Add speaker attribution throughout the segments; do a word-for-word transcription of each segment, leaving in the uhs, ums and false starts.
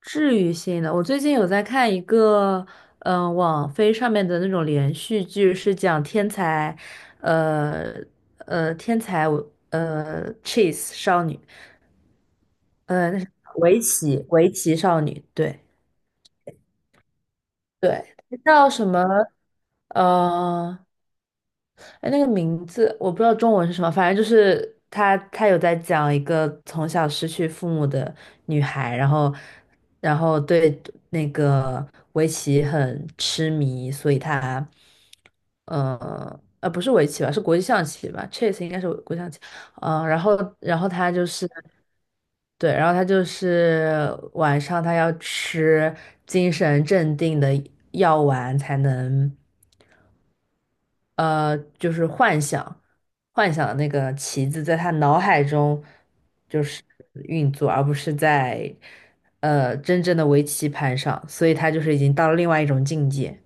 Speaker 1: 治愈性的，我最近有在看一个，嗯、网飞上面的那种连续剧，是讲天才，呃呃，天才呃 chess 少女。呃，那是围棋围棋少女。对对，叫什么？呃，哎，那个名字我不知道中文是什么，反正就是他，他有在讲一个从小失去父母的女孩，然后，然后对那个围棋很痴迷，所以她，呃，呃，不是围棋吧，是国际象棋吧，chess 应该是国际象棋。嗯、呃然后，然后他就是对，然后他就是晚上他要吃精神镇定的药丸才能。呃，就是幻想，幻想的那个棋子在他脑海中就是运作，而不是在呃真正的围棋盘上，所以他就是已经到了另外一种境界。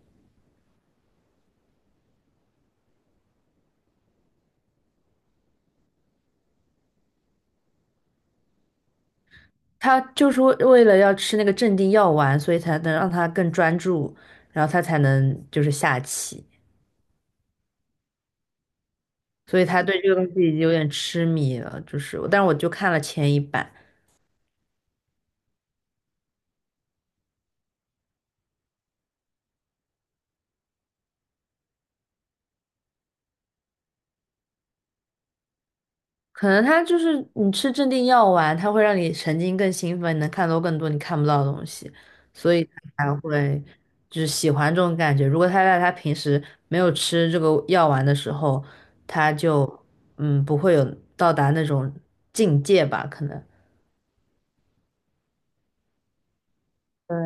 Speaker 1: 他就是为为了要吃那个镇定药丸，所以才能让他更专注，然后他才能就是下棋，所以他对这个东西已经有点痴迷了，就是，但是我就看了前一版。可能他就是你吃镇定药丸，它会让你神经更兴奋，你能看到更多你看不到的东西，所以它才会就是喜欢这种感觉。如果他在他平时没有吃这个药丸的时候，他就嗯不会有到达那种境界吧？可能对，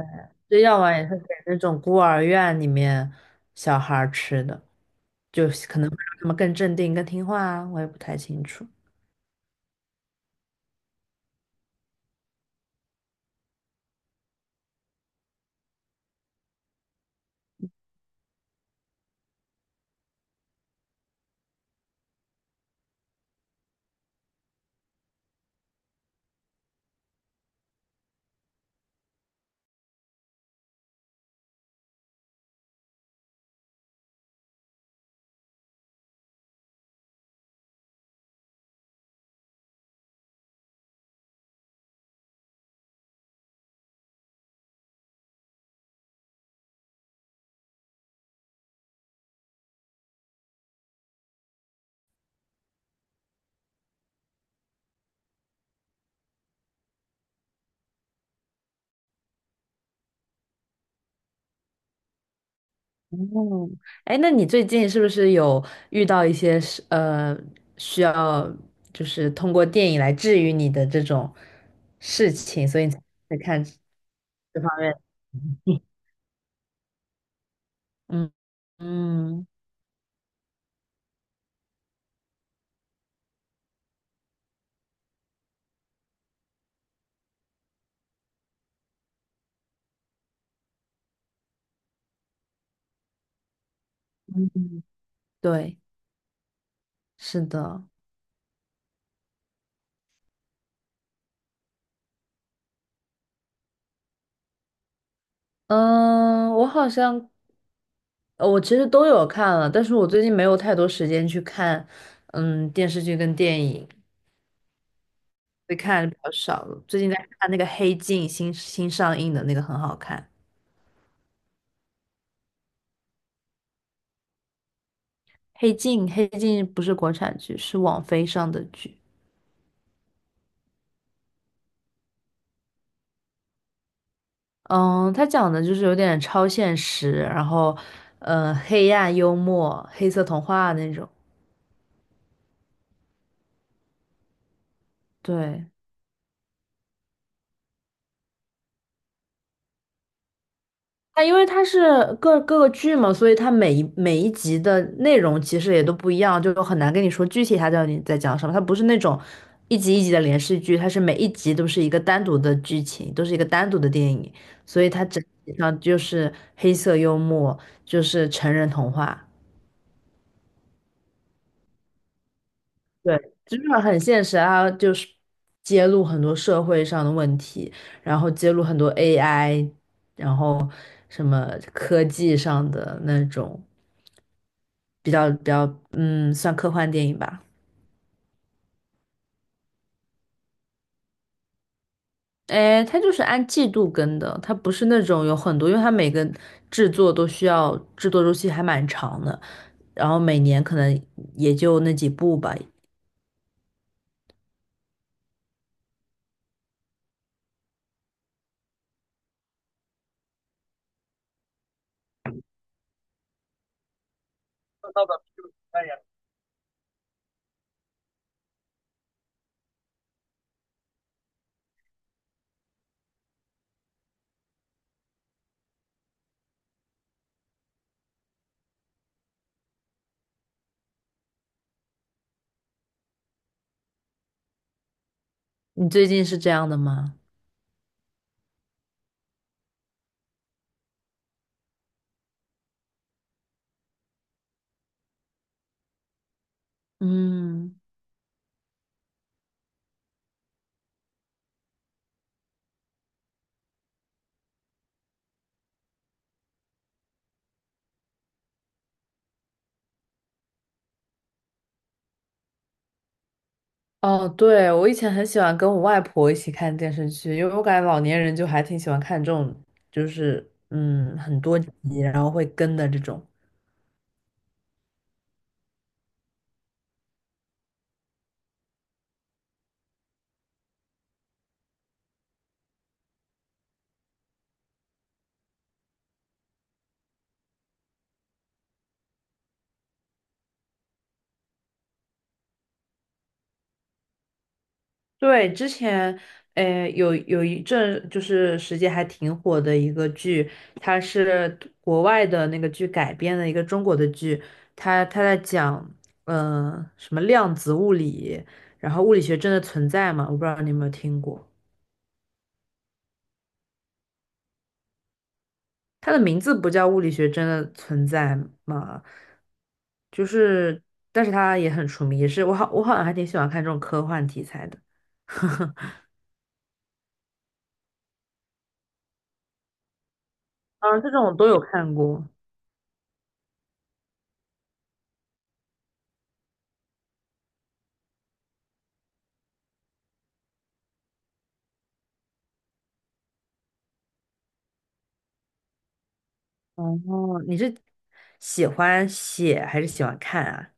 Speaker 1: 这药丸也是给那种孤儿院里面小孩儿吃的，就是可能会让他们更镇定、更听话啊，我也不太清楚。哦，哎，那你最近是不是有遇到一些是呃需要就是通过电影来治愈你的这种事情，所以你才会看这方面的？嗯嗯，对，是的。嗯，我好像呃我其实都有看了，但是我最近没有太多时间去看嗯电视剧跟电影，会看的比较少了。最近在看那个《黑镜》，新新上映的那个很好看。黑镜，黑镜不是国产剧，是网飞上的剧。嗯，它讲的就是有点超现实，然后，呃，黑暗幽默、黑色童话那种。对，它因为它是各各个剧嘛，所以它每一每一集的内容其实也都不一样，就很难跟你说具体它到底在讲什么。它不是那种一集一集的连续剧，它是每一集都是一个单独的剧情，都是一个单独的电影，所以它整体上就是黑色幽默，就是成人童话。对，真的很现实啊，就是揭露很多社会上的问题，然后揭露很多 A I,然后什么科技上的那种比较比较，嗯，算科幻电影吧。哎，它就是按季度更的，它不是那种有很多，因为它每个制作都需要制作周期还蛮长的，然后每年可能也就那几部吧。你最近是这样的吗？嗯。哦，对，我以前很喜欢跟我外婆一起看电视剧，因为我感觉老年人就还挺喜欢看这种，就是嗯很多集，然后会跟的这种。对，之前呃有有一阵就是时间还挺火的一个剧，它是国外的那个剧改编的一个中国的剧，它它在讲嗯、呃什么量子物理，然后物理学真的存在吗？我不知道你有没有听过。它的名字不叫物理学真的存在吗？就是，但是它也很出名，也是我好我好像还挺喜欢看这种科幻题材的。嗯，这种我都有看过。哦，你是喜欢写还是喜欢看啊？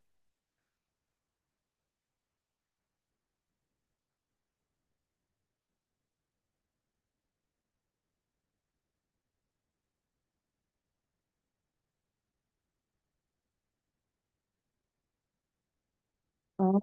Speaker 1: 哦，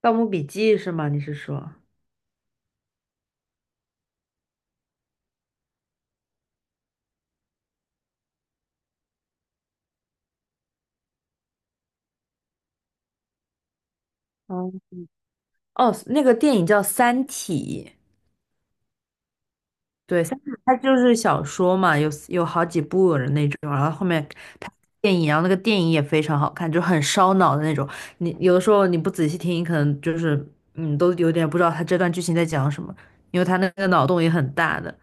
Speaker 1: 《盗墓笔记》是吗？你是说？哦，哦，那个电影叫《三体》。对，三体它就是小说嘛，有有好几部的那种，然后后面拍电影，然后那个电影也非常好看，就很烧脑的那种。你有的时候你不仔细听，你可能就是嗯，都有点不知道他这段剧情在讲什么，因为他那个脑洞也很大的。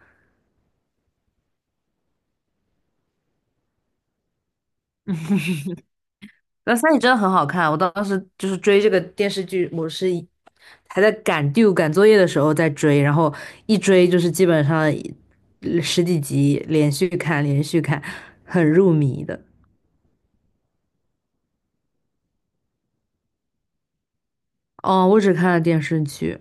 Speaker 1: 那三体真的很好看，我当时就是追这个电视剧，我是一还在赶 due 赶作业的时候在追，然后一追就是基本上一十几集连续看，连续看，很入迷的。哦，我只看了电视剧。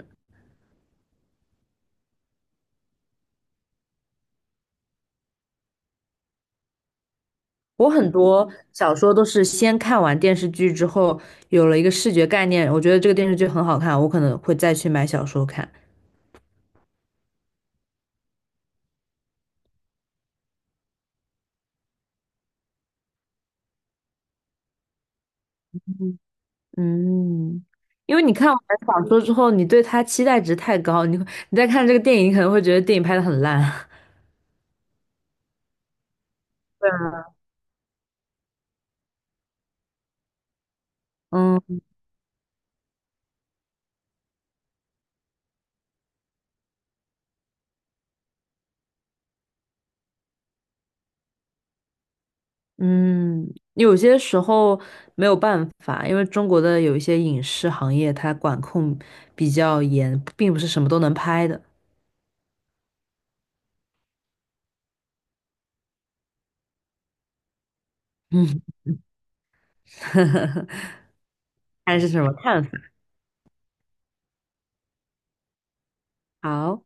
Speaker 1: 我很多小说都是先看完电视剧之后，有了一个视觉概念，我觉得这个电视剧很好看，我可能会再去买小说看。嗯，因为你看完小说之后，你对它期待值太高，你会你再看这个电影，你可能会觉得电影拍的很烂。对啊，嗯嗯，有些时候没有办法，因为中国的有一些影视行业它管控比较严，并不是什么都能拍的。嗯，看是什么看法？好。